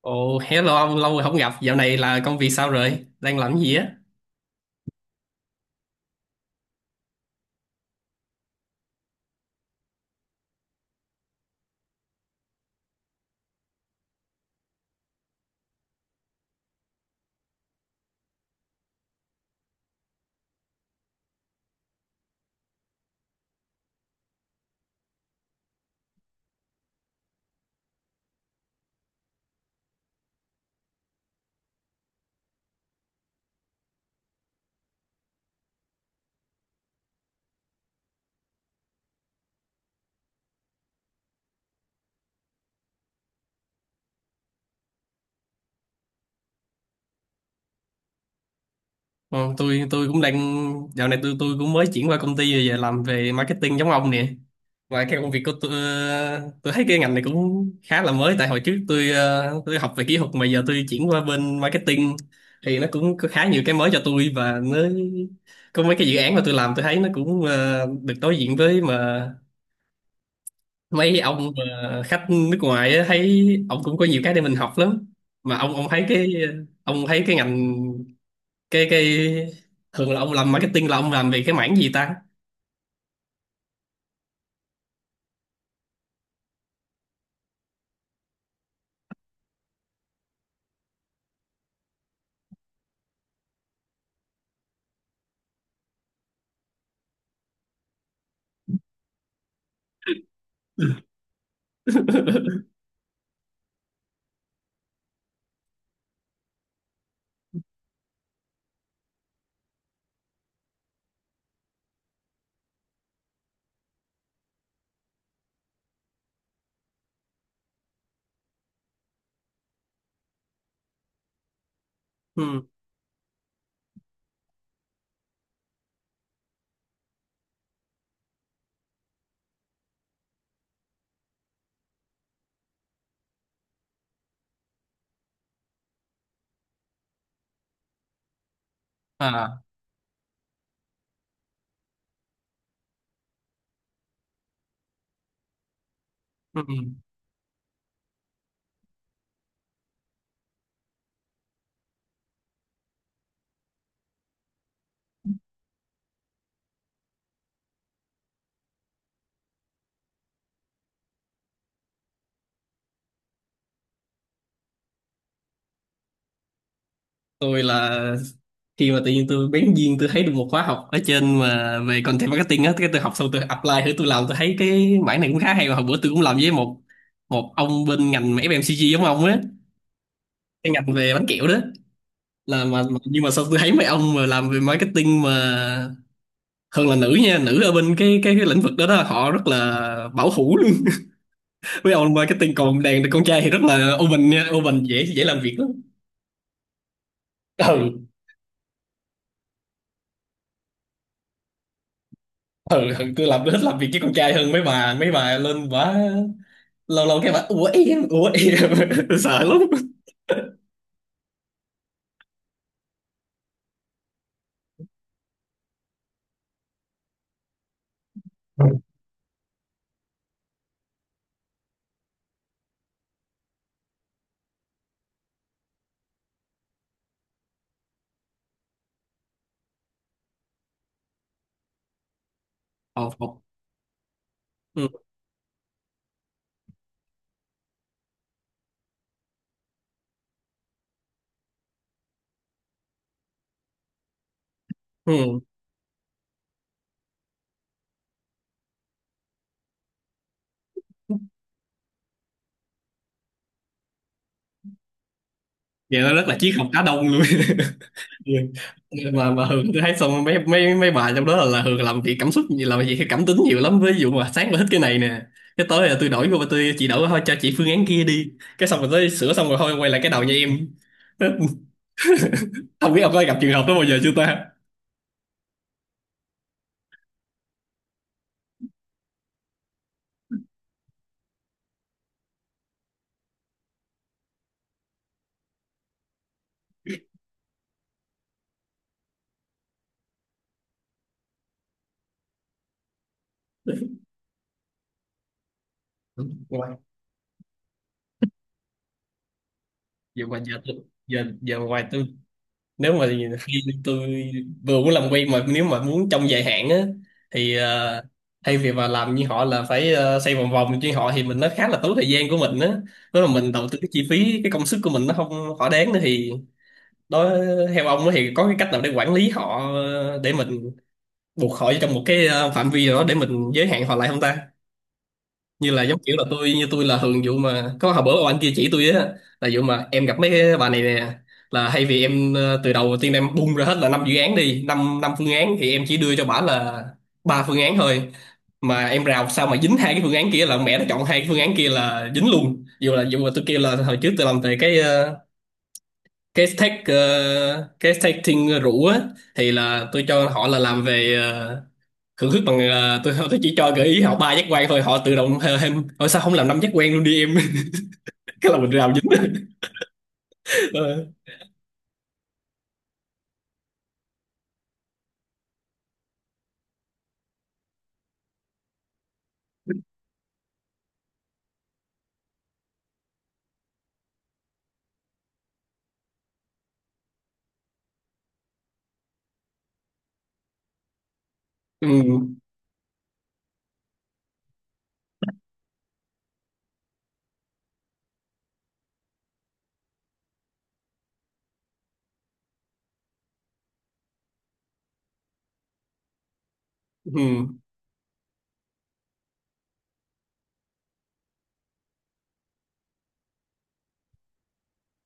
Ồ, hello ông, lâu rồi không gặp. Dạo này là công việc sao rồi? Đang làm gì á? Ờ, tôi cũng đang Dạo này tôi cũng mới chuyển qua công ty rồi giờ làm về marketing giống ông nè. Và cái công việc của tôi, tôi thấy cái ngành này cũng khá là mới tại hồi trước tôi học về kỹ thuật mà giờ tôi chuyển qua bên marketing thì nó cũng có khá nhiều cái mới cho tôi, và nó có mấy cái dự án mà tôi làm tôi thấy nó cũng được đối diện với mà mấy khách nước ngoài á, thấy ông cũng có nhiều cái để mình học lắm. Mà ông thấy cái ông thấy cái ngành, cái thường là ông làm marketing là ông làm về cái mảng gì ta? Ừ. À. Ừ. tôi là Khi mà tự nhiên tôi bén duyên tôi thấy được một khóa học ở trên mà về content marketing á, cái tôi học xong tôi apply thử tôi làm tôi thấy cái mảng này cũng khá hay. Mà hồi bữa tôi cũng làm với một một ông bên ngành mà FMCG giống ông á, cái ngành về bánh kẹo đó. Nhưng mà sao tôi thấy mấy ông mà làm về marketing mà hơn là nữ nha, nữ ở bên cái lĩnh vực đó đó họ rất là bảo thủ luôn. Mấy ông marketing còn đàn con trai thì rất là open nha, open dễ dễ làm việc lắm. Ừ ừ ừ, tôi thích làm việc với con trai hơn. Mấy bà mấy bà lên bả lâu lâu cái bả: ủa em, ủa em. Tôi sợ lắm. Ừ. Học học. Ừ. Ừ. Vậy nó rất là triết học cá đông luôn. Mà Hường tôi thấy xong mấy mấy mấy bà trong đó là, Hường làm việc cảm xúc nhiều, làm việc theo cảm tính nhiều lắm. Ví dụ mà sáng là thích cái này nè, cái tối là tôi đổi vô tôi chị đổi thôi cho chị phương án kia đi, cái xong rồi tới sửa xong rồi thôi quay lại cái đầu như em. Không biết ông có gặp trường hợp đó bao giờ chưa ta? Ngoài- ngoài giờ giờ giờ ngoài tôi nếu mà khi tôi vừa muốn làm quen, mà nếu mà muốn trong dài hạn á, thì ờ, thay vì mà làm như họ là phải, xoay vòng vòng như họ thì mình nó khá là tốn thời gian của mình á, nếu mà mình đầu tư cái chi phí cái công sức của mình nó không thỏa đáng nữa thì đó. Theo ông á thì có cái cách nào để quản lý họ, để mình buộc họ trong một cái, phạm vi nào đó để mình giới hạn họ lại không ta? Như là giống kiểu là tôi như tôi là thường vụ mà có hồi bữa anh kia chỉ tôi á, là vụ mà em gặp mấy cái bà này nè, là hay vì em, từ đầu tiên em bung ra hết là năm dự án đi, năm năm phương án thì em chỉ đưa cho bả là ba phương án thôi. Mà em rào sao mà dính hai cái phương án kia là mẹ nó chọn hai cái phương án kia là dính luôn, dù mà tôi kêu là hồi trước tôi làm về cái, cái tech, cái testing rủ á. Thì là tôi cho họ là làm về, cưỡng khích bằng, tôi tôi chỉ cho gợi ý họ ba giác quan thôi họ tự động thêm thôi, sao không làm năm giác quan luôn đi em? Cái là mình làm dính. Ờ, ừ ừ,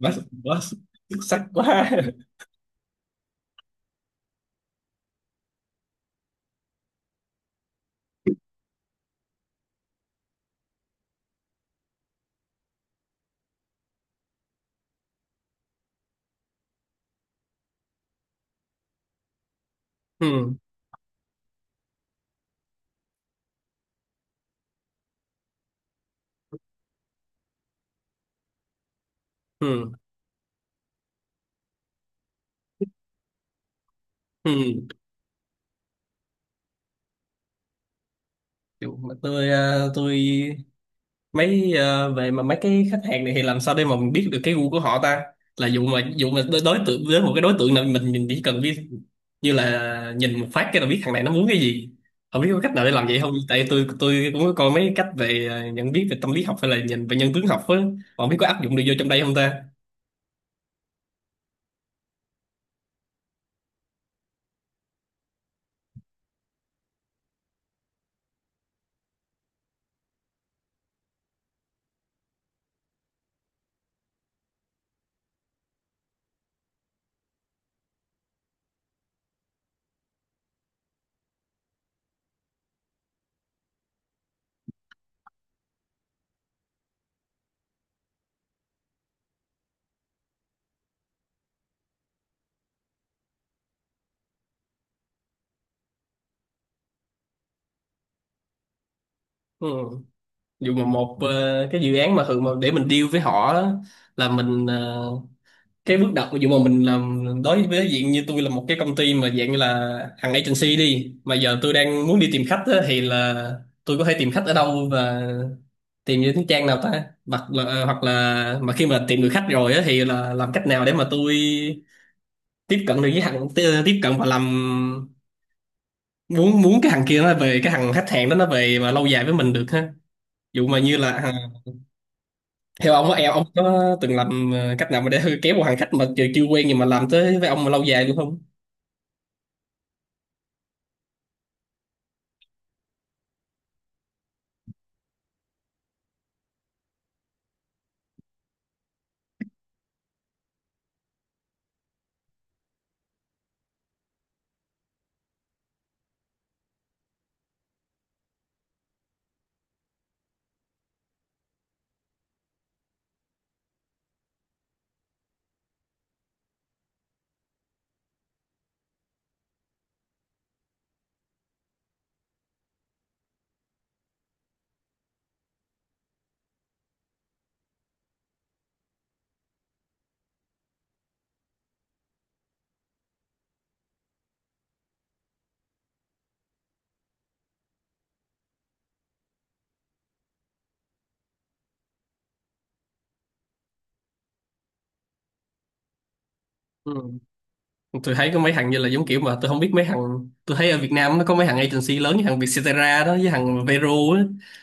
quá quá xuất sắc quá. Ừ ừ ừ. Kiểu mà tôi ờ, tôi mấy, về mà mấy cái khách hàng này thì làm sao để mà mình biết được cái gu của họ ta? Là dụ mà đối đối tượng với một cái đối tượng nào, mình chỉ cần biết như là nhìn một phát cái là biết thằng này nó muốn cái gì. Không biết có cách nào để làm vậy không, tại tôi cũng có coi mấy cách về, nhận biết về tâm lý học hay là nhìn về nhân tướng học á, còn biết có áp dụng được vô trong đây không ta? Ừ. Dù mà một, cái dự án mà thường mà để mình deal với họ á, là mình, cái bước đầu của dụ mà mình làm đối với diện như tôi là một cái công ty mà dạng như là hàng agency đi, mà giờ tôi đang muốn đi tìm khách á, thì là tôi có thể tìm khách ở đâu và tìm những trang nào ta? Hoặc là mà khi mà tìm được khách rồi á, thì là làm cách nào để mà tôi tiếp cận được với hàng tiếp tiếp cận và làm muốn muốn cái hàng kia nó về cái hàng khách hàng đó nó về mà lâu dài với mình được ha? Dụ mà như là à, theo ông á, em ông có từng làm, cách nào mà để kéo một hàng khách mà chưa chưa quen nhưng mà làm tới với ông mà lâu dài luôn không? Ừ. Tôi thấy có mấy thằng như là giống kiểu mà tôi không biết, mấy thằng tôi thấy ở Việt Nam nó có mấy thằng agency lớn như thằng Vietcetera đó với thằng Vero á,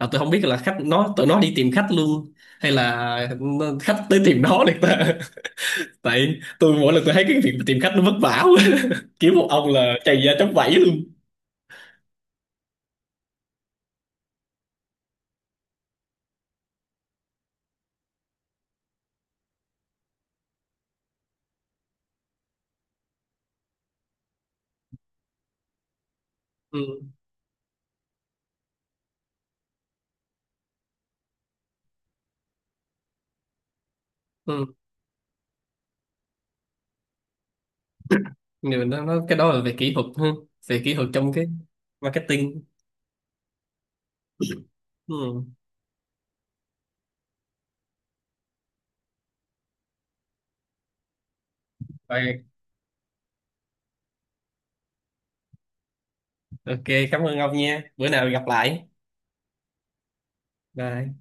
là tôi không biết là khách nó tụi nó đi tìm khách luôn hay là khách tới tìm nó được ta? Tại tôi mỗi lần tôi thấy cái việc tìm khách nó vất vả quá. Kiểu một ông là chày da tróc vẫy luôn. Ừ ừ. Nhiều nó cái đó là về kỹ thuật ha, về kỹ thuật trong cái marketing. Ừ. Rồi, ok, cảm ơn ông nha, bữa nào gặp lại. Bye.